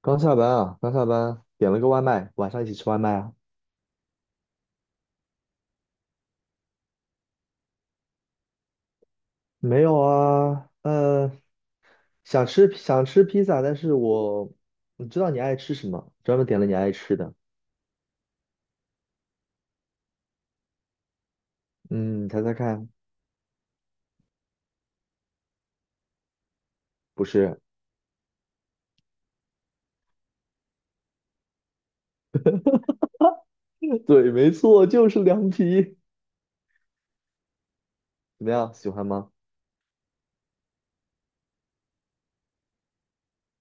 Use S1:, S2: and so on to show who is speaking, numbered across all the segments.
S1: 刚下班啊，刚下班，点了个外卖，晚上一起吃外卖啊？没有啊，想吃披萨，但是我，你知道你爱吃什么，专门点了你爱吃的。嗯，你猜猜看，不是，对，没错，就是凉皮。怎么样，喜欢吗？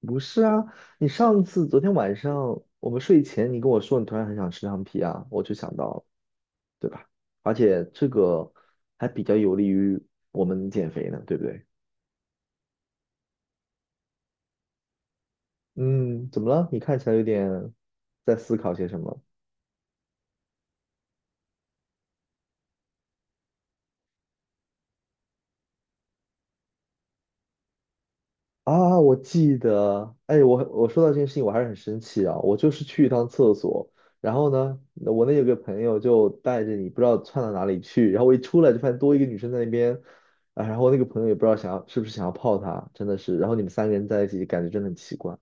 S1: 不是啊，你上次昨天晚上我们睡前，你跟我说你突然很想吃凉皮啊，我就想到了，对吧？而且这个还比较有利于我们减肥呢，对不对？嗯，怎么了？你看起来有点在思考些什么啊？我记得，哎，我说到这件事情，我还是很生气啊。我就是去一趟厕所，然后呢，我那有个朋友就带着你不知道窜到哪里去，然后我一出来就发现多一个女生在那边，啊，然后那个朋友也不知道想要是不是想要泡她，真的是，然后你们三个人在一起，感觉真的很奇怪。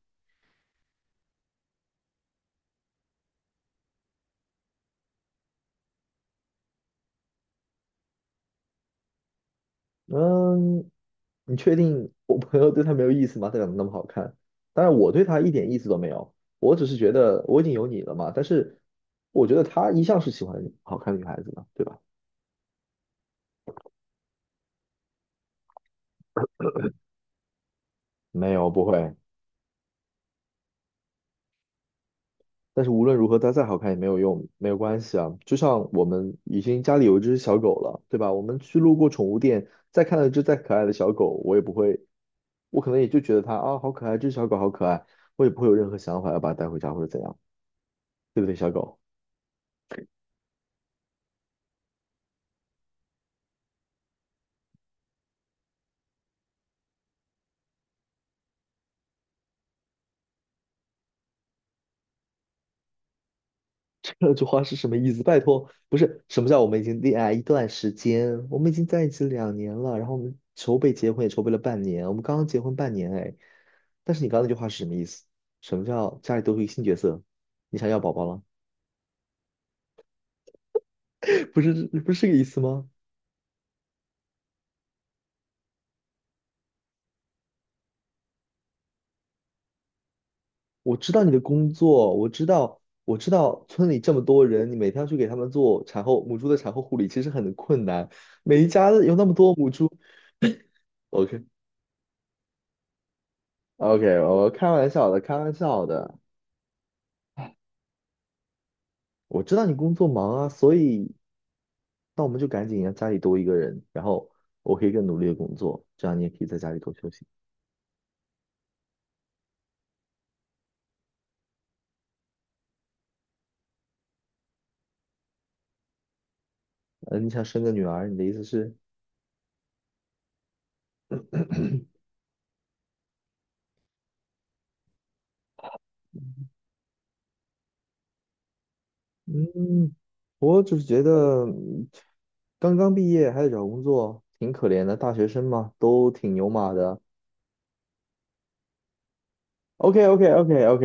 S1: 嗯，你确定我朋友对她没有意思吗？她长得那么好看，当然我对她一点意思都没有，我只是觉得我已经有你了嘛。但是我觉得她一向是喜欢好看的女孩子嘛，对吧？没有，不会。但是无论如何，她再好看也没有用，没有关系啊。就像我们已经家里有一只小狗了，对吧？我们去路过宠物店，再看到一只再可爱的小狗，我也不会，我可能也就觉得它啊好可爱，这只小狗好可爱，我也不会有任何想法要把它带回家或者怎样，对不对，小狗？这句话是什么意思？拜托，不是什么叫我们已经恋爱一段时间，我们已经在一起两年了，然后我们筹备结婚也筹备了半年，我们刚刚结婚半年哎。但是你刚刚那句话是什么意思？什么叫家里多出一个新角色？你想要宝宝了？不是，不是这个意思吗？我知道你的工作，我知道，我知道村里这么多人，你每天要去给他们做产后母猪的产后护理，其实很困难。每一家有那么多母猪OK，OK，我开玩笑的，开玩笑的。我知道你工作忙啊，所以那我们就赶紧让家里多一个人，然后我可以更努力的工作，这样你也可以在家里多休息。呃，你想生个女儿，你的意思是？嗯，我只是觉得嗯刚刚毕业还得找工作，挺可怜的，大学生嘛，都挺牛马的。OK OK OK OK,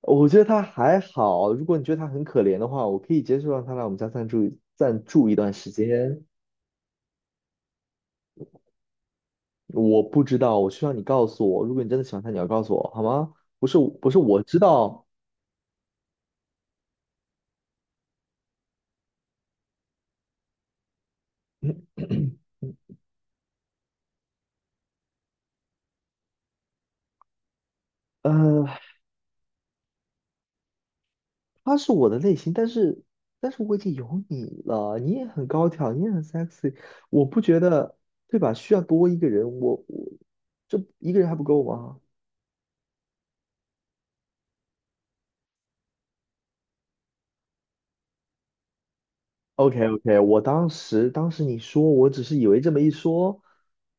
S1: 我觉得他还好，如果你觉得他很可怜的话，我可以接受让他来我们家暂住暂住一段时间。我不知道，我需要你告诉我。如果你真的喜欢他，你要告诉我好吗？不是，不是，我知道，呃，他是我的类型，但是，但是我已经有你了，你也很高挑，你也很 sexy,我不觉得，对吧？需要多一个人，我这一个人还不够吗？OK OK,我当时你说，我只是以为这么一说，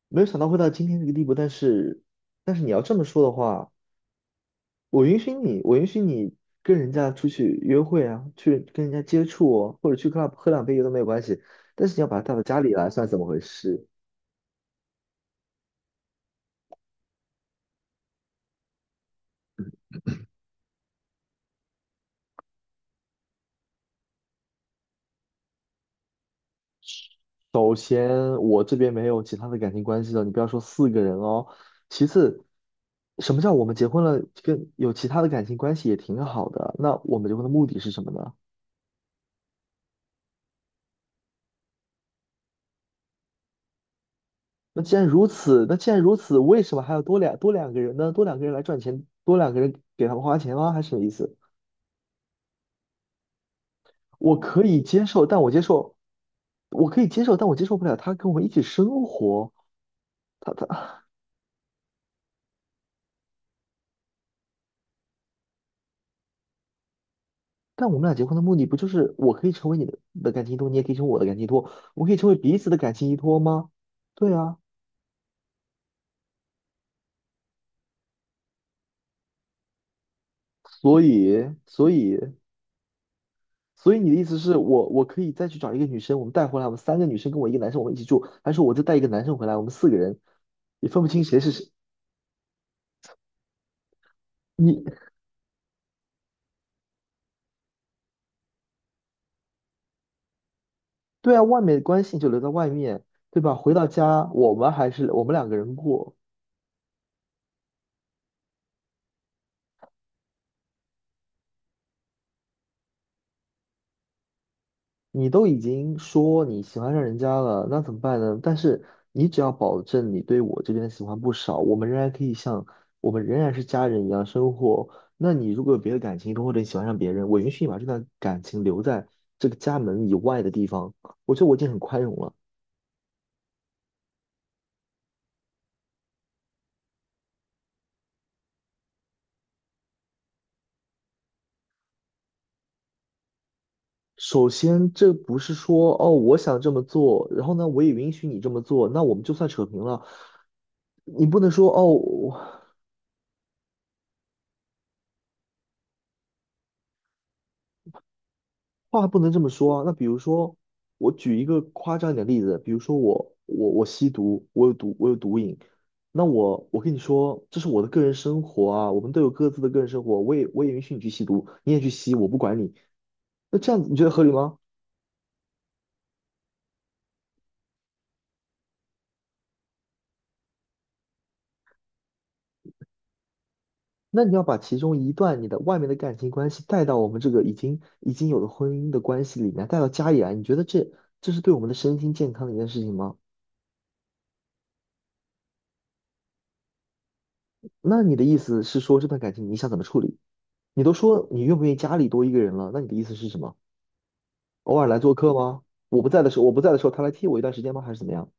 S1: 没有想到会到今天这个地步，但是你要这么说的话。我允许你，我允许你跟人家出去约会啊，去跟人家接触哦或者去 club 喝两杯酒都没有关系。但是你要把他带到家里来，算怎么回事？首先，我这边没有其他的感情关系了，你不要说四个人哦。其次，什么叫我们结婚了，跟有其他的感情关系也挺好的？那我们结婚的目的是什么呢？那既然如此，那既然如此，为什么还要多两个人呢？多两个人来赚钱，多两个人给他们花钱吗？还是什么意思？我可以接受，但我接受，我可以接受，但我接受不了他跟我们一起生活。他他，但我们俩结婚的目的不就是我可以成为你的的感情依托，你也可以成为我的感情依托，我们可以成为彼此的感情依托吗？对啊，所以所以所以你的意思是我可以再去找一个女生，我们带回来，我们三个女生跟我一个男生，我们一起住，还是我就带一个男生回来，我们四个人也分不清谁是谁？你对啊，外面的关系就留在外面，对吧？回到家我们还是我们两个人过。你都已经说你喜欢上人家了，那怎么办呢？但是你只要保证你对我这边的喜欢不少，我们仍然可以像我们仍然是家人一样生活。那你如果有别的感情，或者你喜欢上别人，我允许你把这段感情留在这个家门以外的地方，我觉得我已经很宽容了。首先，这不是说哦，我想这么做，然后呢，我也允许你这么做，那我们就算扯平了。你不能说哦，话不能这么说啊。那比如说，我举一个夸张一点的例子，比如说我吸毒，我有毒我有毒瘾，那我我跟你说，这是我的个人生活啊，我们都有各自的个人生活，我也允许你去吸毒，你也去吸，我不管你。那这样子你觉得合理吗？那你要把其中一段你的外面的感情关系带到我们这个已经有的婚姻的关系里面，带到家里来，你觉得这这是对我们的身心健康的一件事情吗？那你的意思是说这段感情你想怎么处理？你都说你愿不愿意家里多一个人了，那你的意思是什么？偶尔来做客吗？我不在的时候，我不在的时候，他来替我一段时间吗？还是怎么样？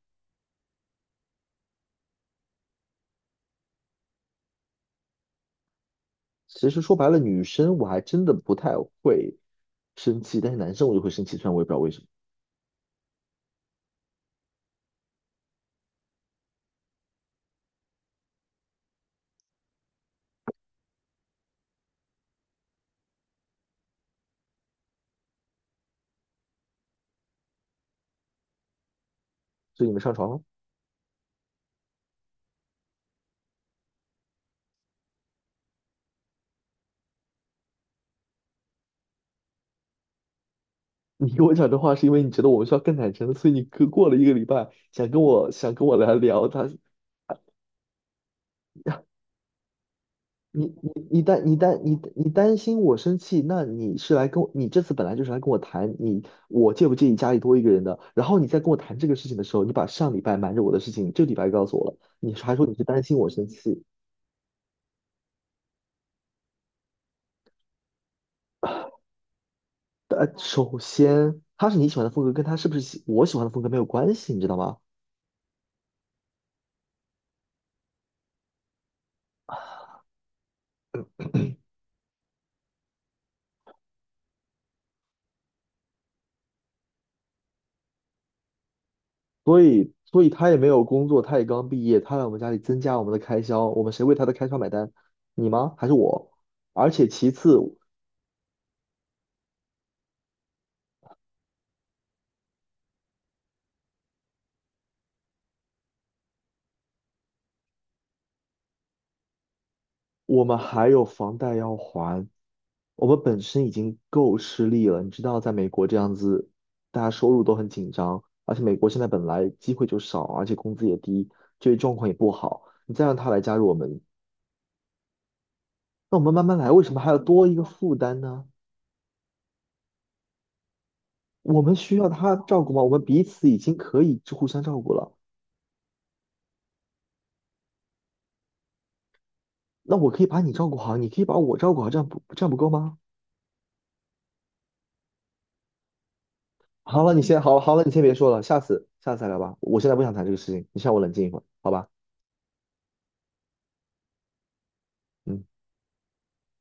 S1: 其实说白了，女生我还真的不太会生气，但是男生我就会生气，虽然我也不知道为什么。所以你们上床了？你跟我讲这话是因为你觉得我们需要更坦诚，所以你过了一个礼拜想跟我来聊他，你担心我生气，那你是来跟我，你这次本来就是来跟我谈你我介不介意家里多一个人的，然后你在跟我谈这个事情的时候，你把上礼拜瞒着我的事情这礼拜告诉我了，你还说你是担心我生气，呃，首先他是你喜欢的风格，跟他是不是我喜欢的风格没有关系，你知道吗？所以他也没有工作，他也刚毕业，他来我们家里增加我们的开销，我们谁为他的开销买单？你吗？还是我？而且其次。我们还有房贷要还，我们本身已经够吃力了。你知道，在美国这样子，大家收入都很紧张，而且美国现在本来机会就少，而且工资也低，就业状况也不好。你再让他来加入我们，那我们慢慢来，为什么还要多一个负担呢？我们需要他照顾吗？我们彼此已经可以互相照顾了。那我可以把你照顾好，你可以把我照顾好，这样不够吗？好了，你先好了好了，你先别说了，下次再聊吧。我现在不想谈这个事情，你先让我冷静一会儿，好吧？嗯。